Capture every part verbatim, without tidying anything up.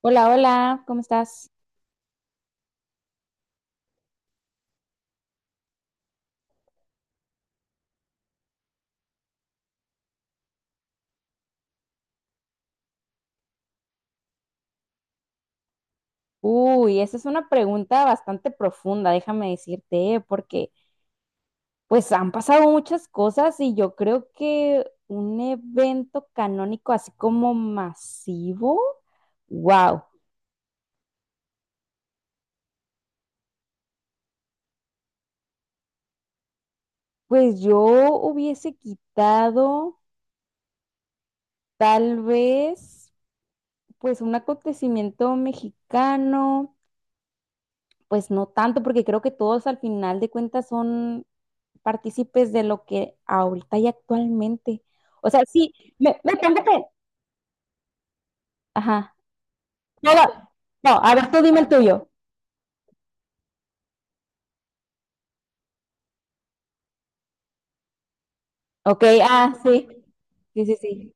Hola, hola, ¿cómo estás? Uy, esa es una pregunta bastante profunda, déjame decirte, ¿eh? Porque pues han pasado muchas cosas y yo creo que un evento canónico así como masivo, wow, pues yo hubiese quitado tal vez pues un acontecimiento mexicano, pues no tanto, porque creo que todos al final de cuentas son partícipes de lo que ahorita y actualmente. O sea, sí, me, me tengo que... Ajá. No, no, no, a ver, tú dime el tuyo. Ok, ah, sí, sí, sí, sí.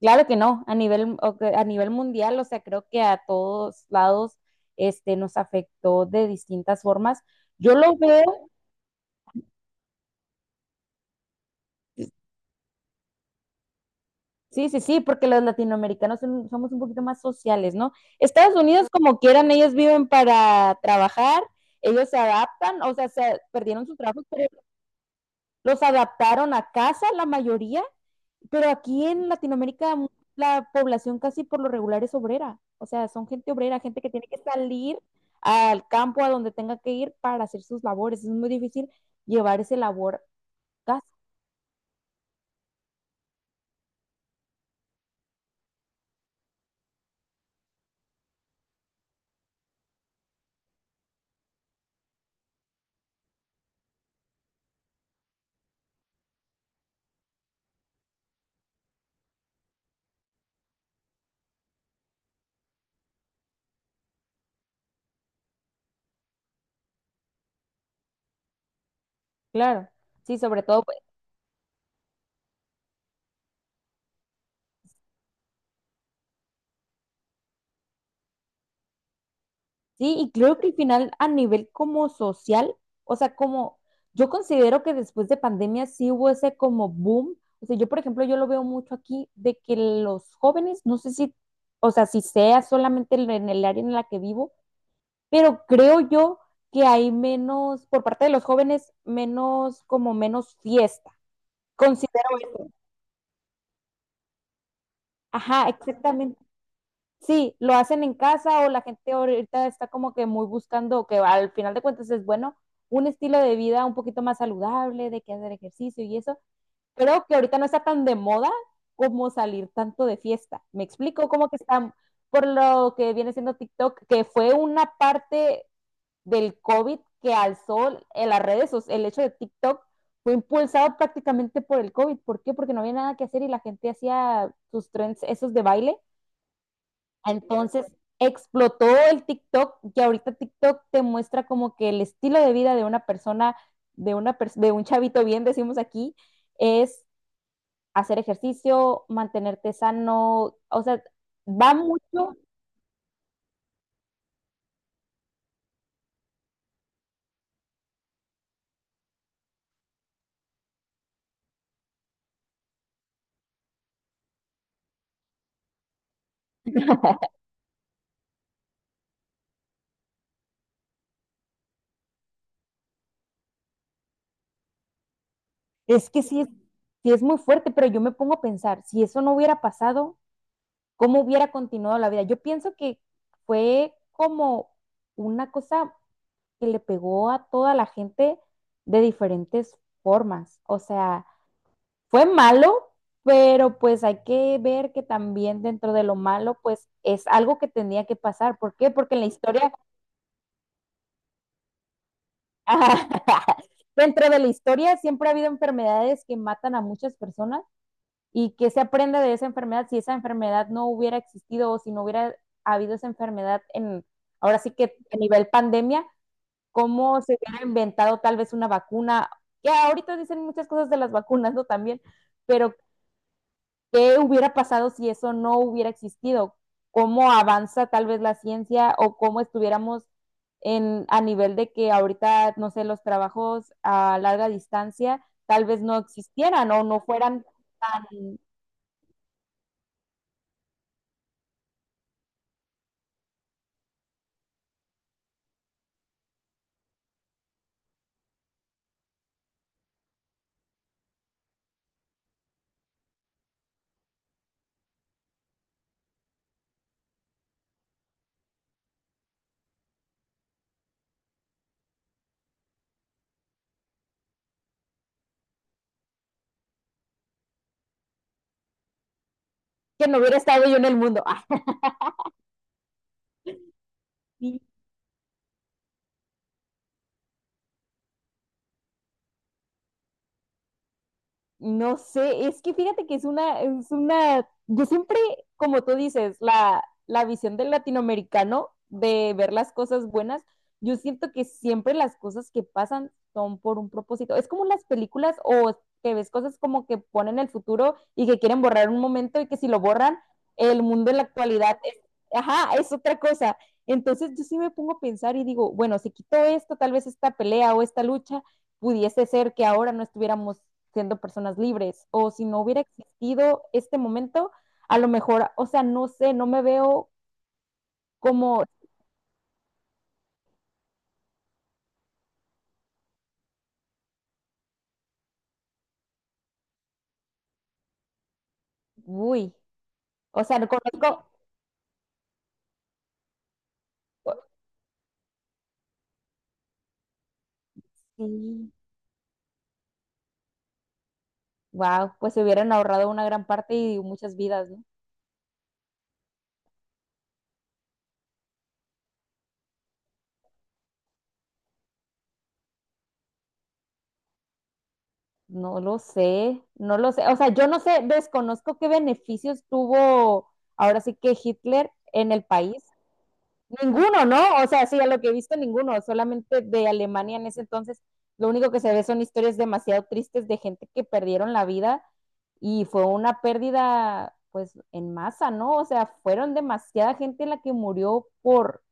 Claro que no, a nivel, o que- a nivel mundial, o sea, creo que a todos lados este, nos afectó de distintas formas. Yo lo veo, sí, sí, sí, porque los latinoamericanos son- somos un poquito más sociales, ¿no? Estados Unidos, como quieran, ellos viven para trabajar, ellos se adaptan, o sea, se perdieron sus trabajos, los adaptaron a casa la mayoría, pero aquí en Latinoamérica la población casi por lo regular es obrera, o sea, son gente obrera, gente que tiene que salir al campo a donde tenga que ir para hacer sus labores, es muy difícil llevar ese labor a casa, claro, sí, sobre todo sí, y creo que al final a nivel como social, o sea, como yo considero que después de pandemia sí hubo ese como boom. O sea, yo por ejemplo, yo lo veo mucho aquí de que los jóvenes, no sé si, o sea, si sea solamente en en el área en la que vivo, pero creo yo que hay menos, por parte de los jóvenes, menos como menos fiesta. Considero eso. Ajá, exactamente. Sí, lo hacen en casa o la gente ahorita está como que muy buscando, que al final de cuentas es bueno, un estilo de vida un poquito más saludable, de que hacer ejercicio y eso. Creo que ahorita no está tan de moda como salir tanto de fiesta. Me explico. Como que está, por lo que viene siendo TikTok, que fue una parte del COVID que alzó en las redes, o sea, el hecho de TikTok fue impulsado prácticamente por el COVID. ¿Por qué? Porque no había nada que hacer y la gente hacía sus trends, esos de baile, entonces explotó el TikTok, que ahorita TikTok te muestra como que el estilo de vida de una persona, de, una pers- de un chavito bien, decimos aquí, es hacer ejercicio, mantenerte sano, o sea, va mucho, es que sí, es- sí es muy fuerte, pero yo me pongo a pensar, si eso no hubiera pasado, ¿cómo hubiera continuado la vida? Yo pienso que fue como una cosa que le pegó a toda la gente de diferentes formas, o sea fue malo, pero pues hay que ver que también dentro de lo malo, pues es algo que tenía que pasar. ¿Por qué? Porque en la historia, dentro de la historia siempre ha habido enfermedades que matan a muchas personas y que se aprende de esa enfermedad. Si esa enfermedad no hubiera existido o si no hubiera habido esa enfermedad en, ahora sí que a nivel pandemia, cómo se hubiera inventado tal vez una vacuna. Ya ahorita dicen muchas cosas de las vacunas, ¿no? También, pero ¿qué hubiera pasado si eso no hubiera existido? ¿Cómo avanza tal vez la ciencia o cómo estuviéramos en, a nivel de que ahorita, no sé, los trabajos a larga distancia tal vez no existieran o no fueran tan, que no hubiera estado yo en el mundo. Ah, no sé, es que fíjate que es una, es una, yo siempre, como tú dices, la, la visión del latinoamericano de ver las cosas buenas, yo siento que siempre las cosas que pasan son por un propósito. Es como las películas o que ves cosas como que ponen el futuro y que quieren borrar un momento y que si lo borran, el mundo en la actualidad es, ajá, es otra cosa. Entonces yo sí me pongo a pensar y digo, bueno, si quito esto, tal vez esta pelea o esta lucha pudiese ser que ahora no estuviéramos siendo personas libres o si no hubiera existido este momento, a lo mejor, o sea, no sé, no me veo como, uy, o sea, no conozco, pues, sí, wow, pues se hubieran ahorrado una gran parte y muchas vidas, ¿no? No lo sé, no lo sé, o sea, yo no sé, desconozco qué beneficios tuvo ahora sí que Hitler en el país. Ninguno, ¿no? O sea, sí, a lo que he visto, ninguno, solamente de Alemania en ese entonces, lo único que se ve son historias demasiado tristes de gente que perdieron la vida y fue una pérdida, pues, en masa, ¿no? O sea, fueron demasiada gente la que murió por,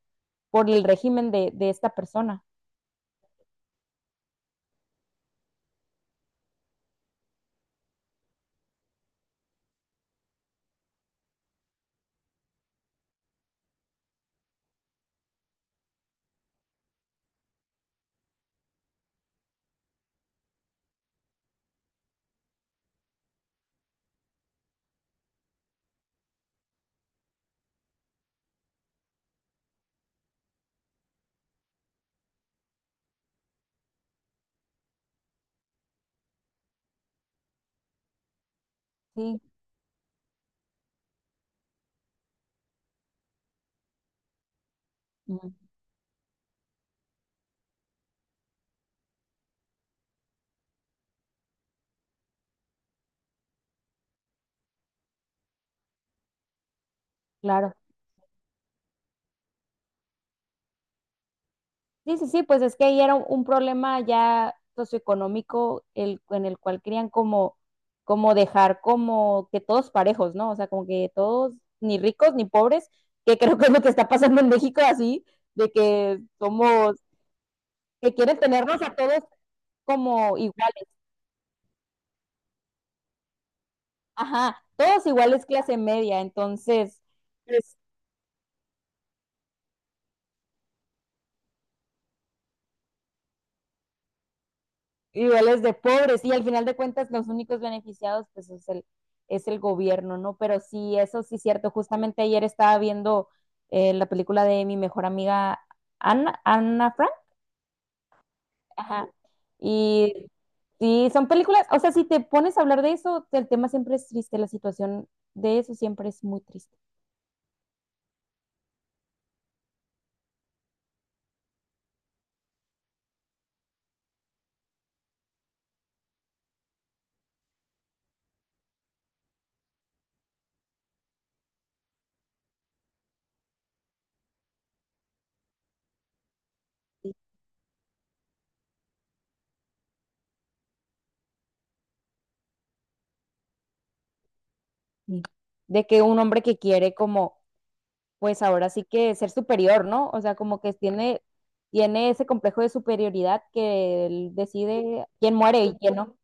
por el régimen de, de esta persona. Sí, mm, claro. Sí, sí, sí, pues es que ahí era un, un problema ya socioeconómico el, en el cual querían como, como dejar como que todos parejos, ¿no? O sea, como que todos, ni ricos ni pobres, que creo que es lo que está pasando en México así, de que somos, que quieren tenernos a todos como iguales, ajá, todos iguales clase media, entonces, pues, niveles de pobres y al final de cuentas los únicos beneficiados pues es el, es el gobierno, ¿no? Pero sí, eso sí es cierto. Justamente ayer estaba viendo eh, la película de mi mejor amiga Ana, Ana Frank. Ajá. Y sí, son películas, o sea, si te pones a hablar de eso, el tema siempre es triste, la situación de eso siempre es muy triste. Sí. De que un hombre que quiere como pues ahora sí que ser superior, ¿no? O sea, como que tiene, tiene ese complejo de superioridad que él decide quién muere y quién no.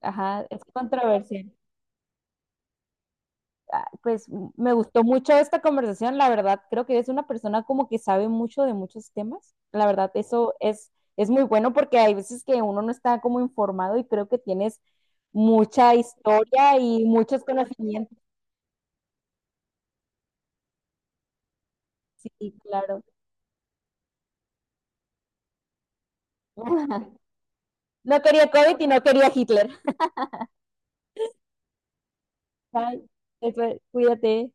Ajá, es controversial. Ah, pues m- me gustó mucho esta conversación, la verdad, creo que eres una persona como que sabe mucho de muchos temas. La verdad, eso es, es muy bueno porque hay veces que uno no está como informado y creo que tienes mucha historia y muchos conocimientos. Sí, claro. No quería COVID y no quería Hitler. Bye. Efe, cuídate.